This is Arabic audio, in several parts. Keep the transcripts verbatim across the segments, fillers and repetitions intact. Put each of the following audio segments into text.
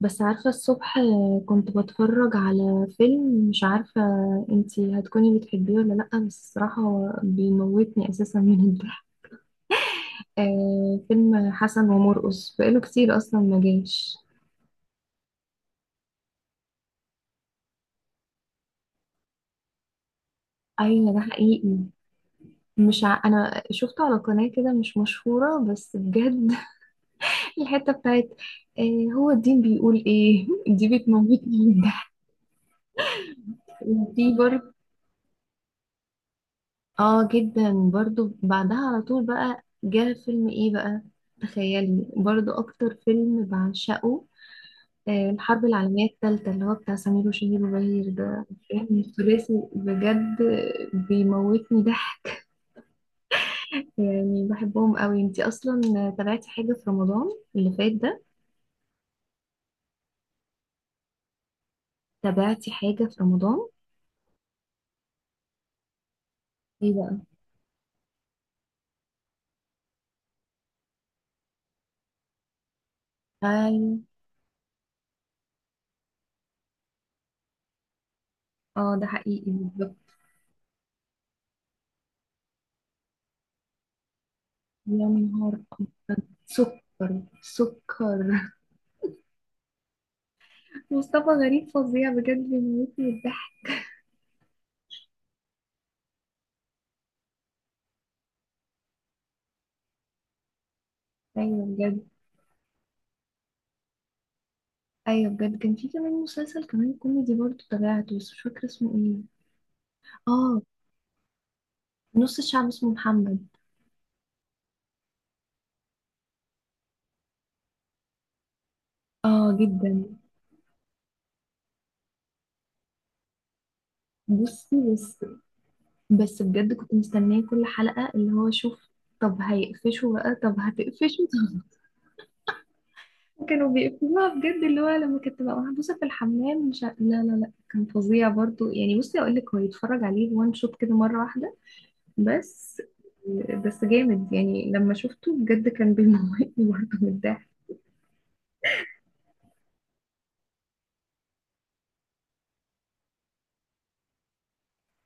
بس عارفة الصبح، كنت بتفرج على فيلم مش عارفة انتي هتكوني بتحبيه ولا لأ، بس الصراحة هو بيموتني أساسا من الضحك. آه، فيلم حسن ومرقص بقاله كتير أصلا ما جاش. أيوة ده حقيقي. مش ع... أنا شفته على قناة كده مش مشهورة بس بجد. الحتة بتاعت آه هو الدين بيقول إيه دي بتموتني من الضحك. وفي برضه اه جدا برضو. بعدها على طول بقى جه فيلم ايه بقى؟ تخيلي برضو اكتر فيلم بعشقه آه، الحرب العالمية الثالثة اللي هو بتاع سمير وشهير وبهير، ده فيلم الثلاثي بجد. بيموتني ضحك يعني بحبهم قوي. انتي اصلا تابعتي حاجة في رمضان اللي فات ده؟ تابعتي حاجة في رمضان؟ ايه بقى؟ ايوه. اه ده حقيقي بالظبط. يا نهار. سكر سكر مصطفى غريب فظيع بجد، بيموتني الضحك. ايوه بجد. ايوه بجد، كان في كمان مسلسل كمان كوميدي برضه تابعته بس مش فاكره اسمه ايه. اه، نص الشعب اسمه محمد. اه جدا. بصي بس بس بجد كنت مستنيه كل حلقه. اللي هو شوف طب هيقفشوا بقى، طب هتقفشوا طب. كانوا بيقفشوها بجد. اللي هو لما كانت تبقى محبوسه في الحمام مش ع- لا لا لا، كان فظيع برضه. يعني بصي اقول لك، هو يتفرج عليه وان شوت كده مره واحده بس. بس جامد يعني لما شفته بجد كان بيموتني برضه من الضحك.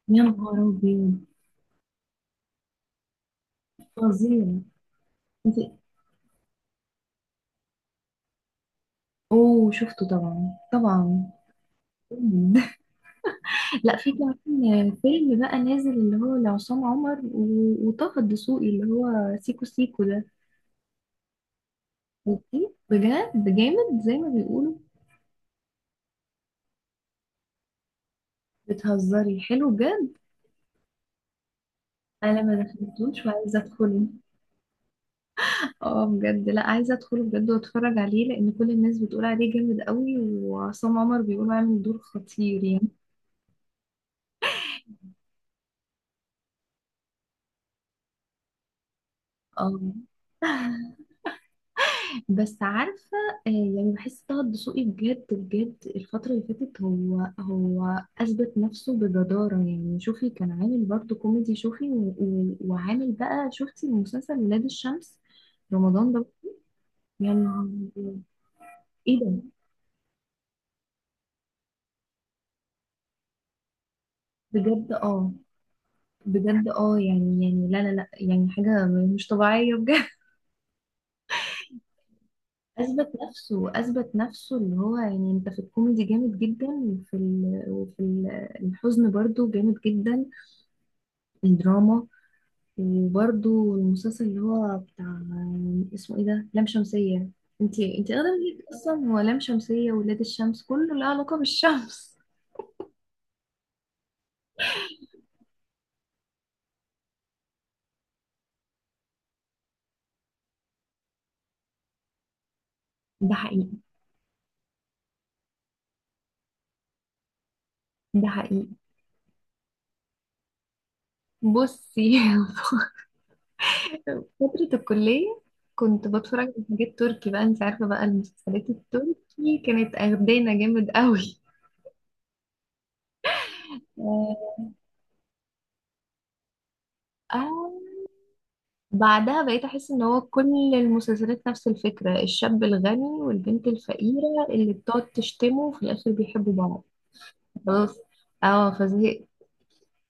يا نهار أبيض. فظيع. انت. اوه شفته طبعا طبعا. لا، في كمان فيلم بقى نازل اللي هو لعصام عمر و- وطه الدسوقي، اللي هو سيكو سيكو ده. اوكي بجد جامد زي ما بيقولوا. بتهزري حلو بجد. انا ما دخلتوش وعايزه ادخله اه بجد، لا عايزه ادخله بجد واتفرج عليه لان كل الناس بتقول عليه جامد قوي، وعصام عمر بيقول عامل دور خطير يعني. اه بس عارفة آه، يعني بحس طه الدسوقي بجد بجد الفترة اللي فاتت هو هو أثبت نفسه بجدارة. يعني شوفي كان عامل برضه كوميدي، شوفي و- و- وعامل بقى. شفتي مسلسل ولاد الشمس رمضان ده يعني؟ ايه ده. بجد اه. بجد اه يعني يعني لا لا لا، يعني حاجة مش طبيعية بجد. أثبت نفسه أثبت نفسه، اللي هو يعني أنت في الكوميدي جامد جدا، وفي ال... وفي ال- الحزن برضه جامد جدا، الدراما. وبرده المسلسل اللي هو بتاع اسمه ايه ده، لام شمسية. انتي انتي اغلب ليك اصلا هو لام شمسية، ولاد الشمس، كله له علاقة بالشمس. ده حقيقي ده حقيقي. بصي فترة الكلية كنت بتفرج على حاجات تركي بقى. انت عارفة بقى المسلسلات التركي كانت اخدانا جامد قوي. آه. بعدها بقيت أحس إن هو كل المسلسلات نفس الفكرة، الشاب الغني والبنت الفقيرة اللي بتقعد تشتمه وفي الآخر بيحبوا بعض. خلاص. اه فزهقت.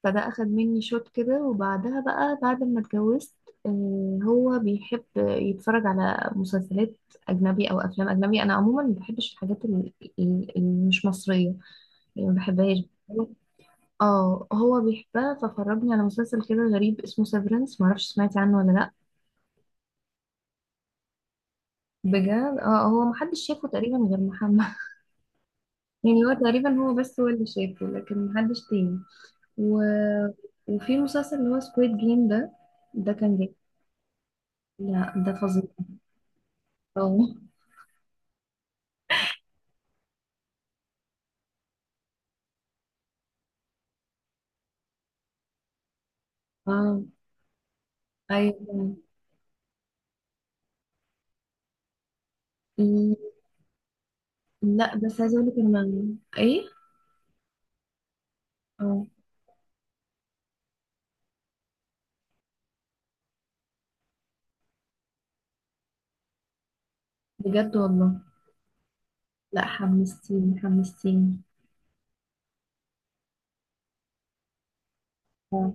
فده اخد مني شوط كده، وبعدها بقى بعد ما اتجوزت آه، هو بيحب يتفرج على مسلسلات اجنبي او افلام اجنبي. انا عموما ما بحبش الحاجات ال- ال- اللي مش مصريه. يعني ما بحبهاش. اه هو بيحبها، ففرجني على مسلسل كده غريب اسمه سيفرنس. ما اعرفش سمعتي عنه ولا لا. بجد اه، هو محدش شافه تقريبا غير محمد. يعني هو تقريبا، هو بس هو اللي شافه لكن محدش تاني. و... وفي مسلسل اللي هو سكويد جيم ده ده كان جميل. لا ده فظيع. اه اه ايوه. م- لا بس عايزه اقول لك انا ايه. اه بجد والله. لا حمستيني حمستيني. اه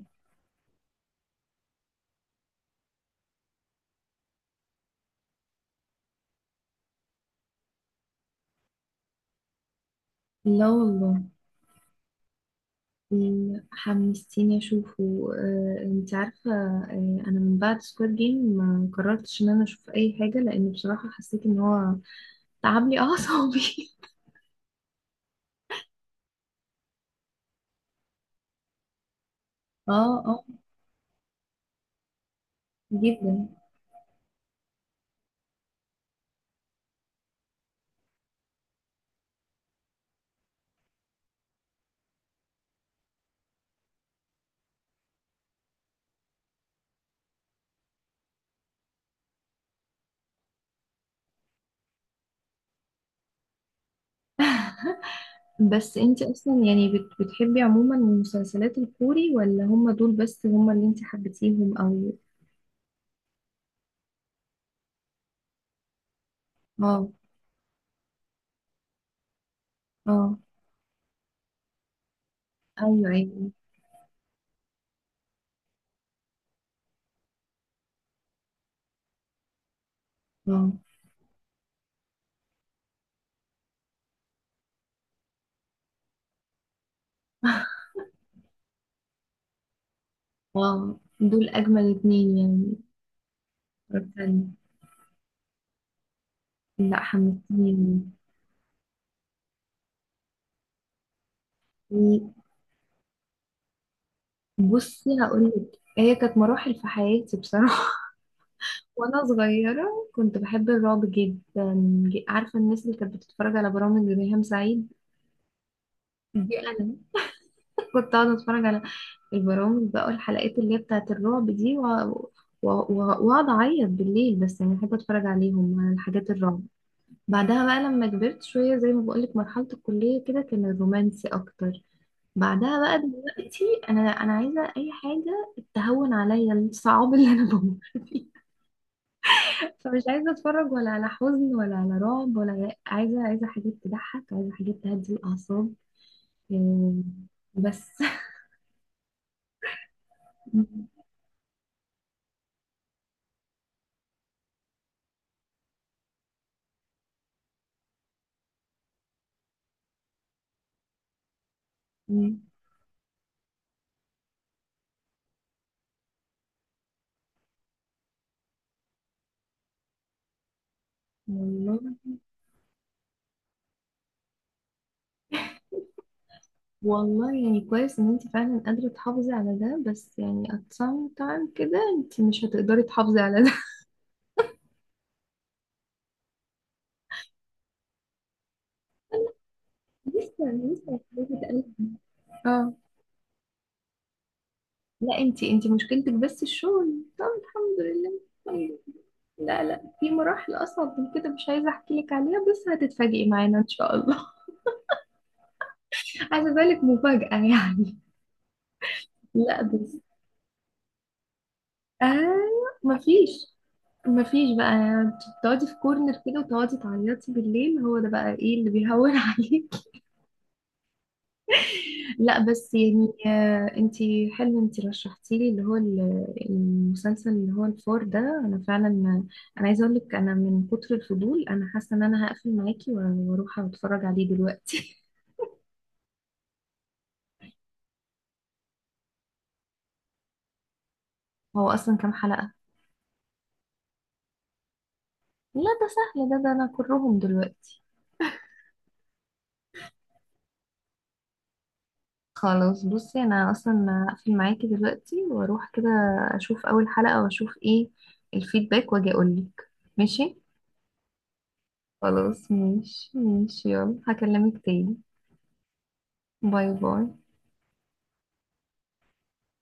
لا والله. م- حمستيني اشوفه آه. انت عارفه آه، انا من بعد سكواد جيم ما قررتش ان انا اشوف اي حاجه، لان بصراحه حسيت ان هو تعب لي اعصابي اه. اه جدا. بس انت اصلا يعني بت- بتحبي عموما المسلسلات الكوري، ولا هم دول بس هم اللي انت حبيتيهم او. اه اه ايوه ايوه اه. اه، دول اجمل اتنين يعني اتفرجت عليهم. لا حمستيني. بصي هقولك، هي كانت مراحل في حياتي بصراحة. وانا صغيرة كنت بحب الرعب جدا. عارفة الناس اللي كانت بتتفرج على برامج ريهام سعيد؟ دي انا. كنت اقعد اتفرج على البرامج بقى الحلقات اللي هي بتاعت الرعب دي و- و- و- واقعد اعيط بالليل. بس يعني احب اتفرج عليهم على الحاجات الرعب. بعدها بقى لما كبرت شويه زي ما بقولك مرحله الكليه كده، كان الرومانسي اكتر. بعدها بقى دلوقتي، انا انا عايزه اي حاجه تهون عليا الصعاب اللي انا بمر فيها. فمش عايزه اتفرج ولا على حزن ولا على رعب ولا على- عايزه عايزه حاجات تضحك، عايزه حاجات تهدي الاعصاب. إيه، بس. والله والله يعني كويس ان انت فعلا قادرة تحافظي على ده، بس يعني at some time كده انت مش هتقدري تحافظي على ده. لسه لسه هتلاقي تقلبي. اه. لا، انت انت مشكلتك بس الشغل، طب الحمد لله طيب. لا لا، في مراحل اصعب من كده، مش عايزة احكي لك عليها بس هتتفاجئي معانا ان شاء الله. عايزة بالك مفاجأة يعني. لا بس ايوه. مفيش مفيش بقى تقعدي في كورنر كده وتقعدي تعيطي بالليل، هو ده بقى ايه اللي بيهون عليك. لا بس يعني آه، انتي حلو انتي رشحتي لي اللي هو ال- المسلسل اللي هو الفور ده، انا فعلا انا عايزه اقول لك، انا من كتر الفضول انا حاسه ان انا هقفل معاكي و- واروح اتفرج عليه دلوقتي. هو اصلا كام حلقه؟ لا ده سهل، ده ده انا كرهم دلوقتي. خلاص بصي انا اصلا هقفل معاكي دلوقتي واروح كده، اشوف اول حلقة واشوف ايه الفيدباك واجي اقولك. ماشي. خلاص ماشي ماشي، يلا هكلمك تاني. باي باي.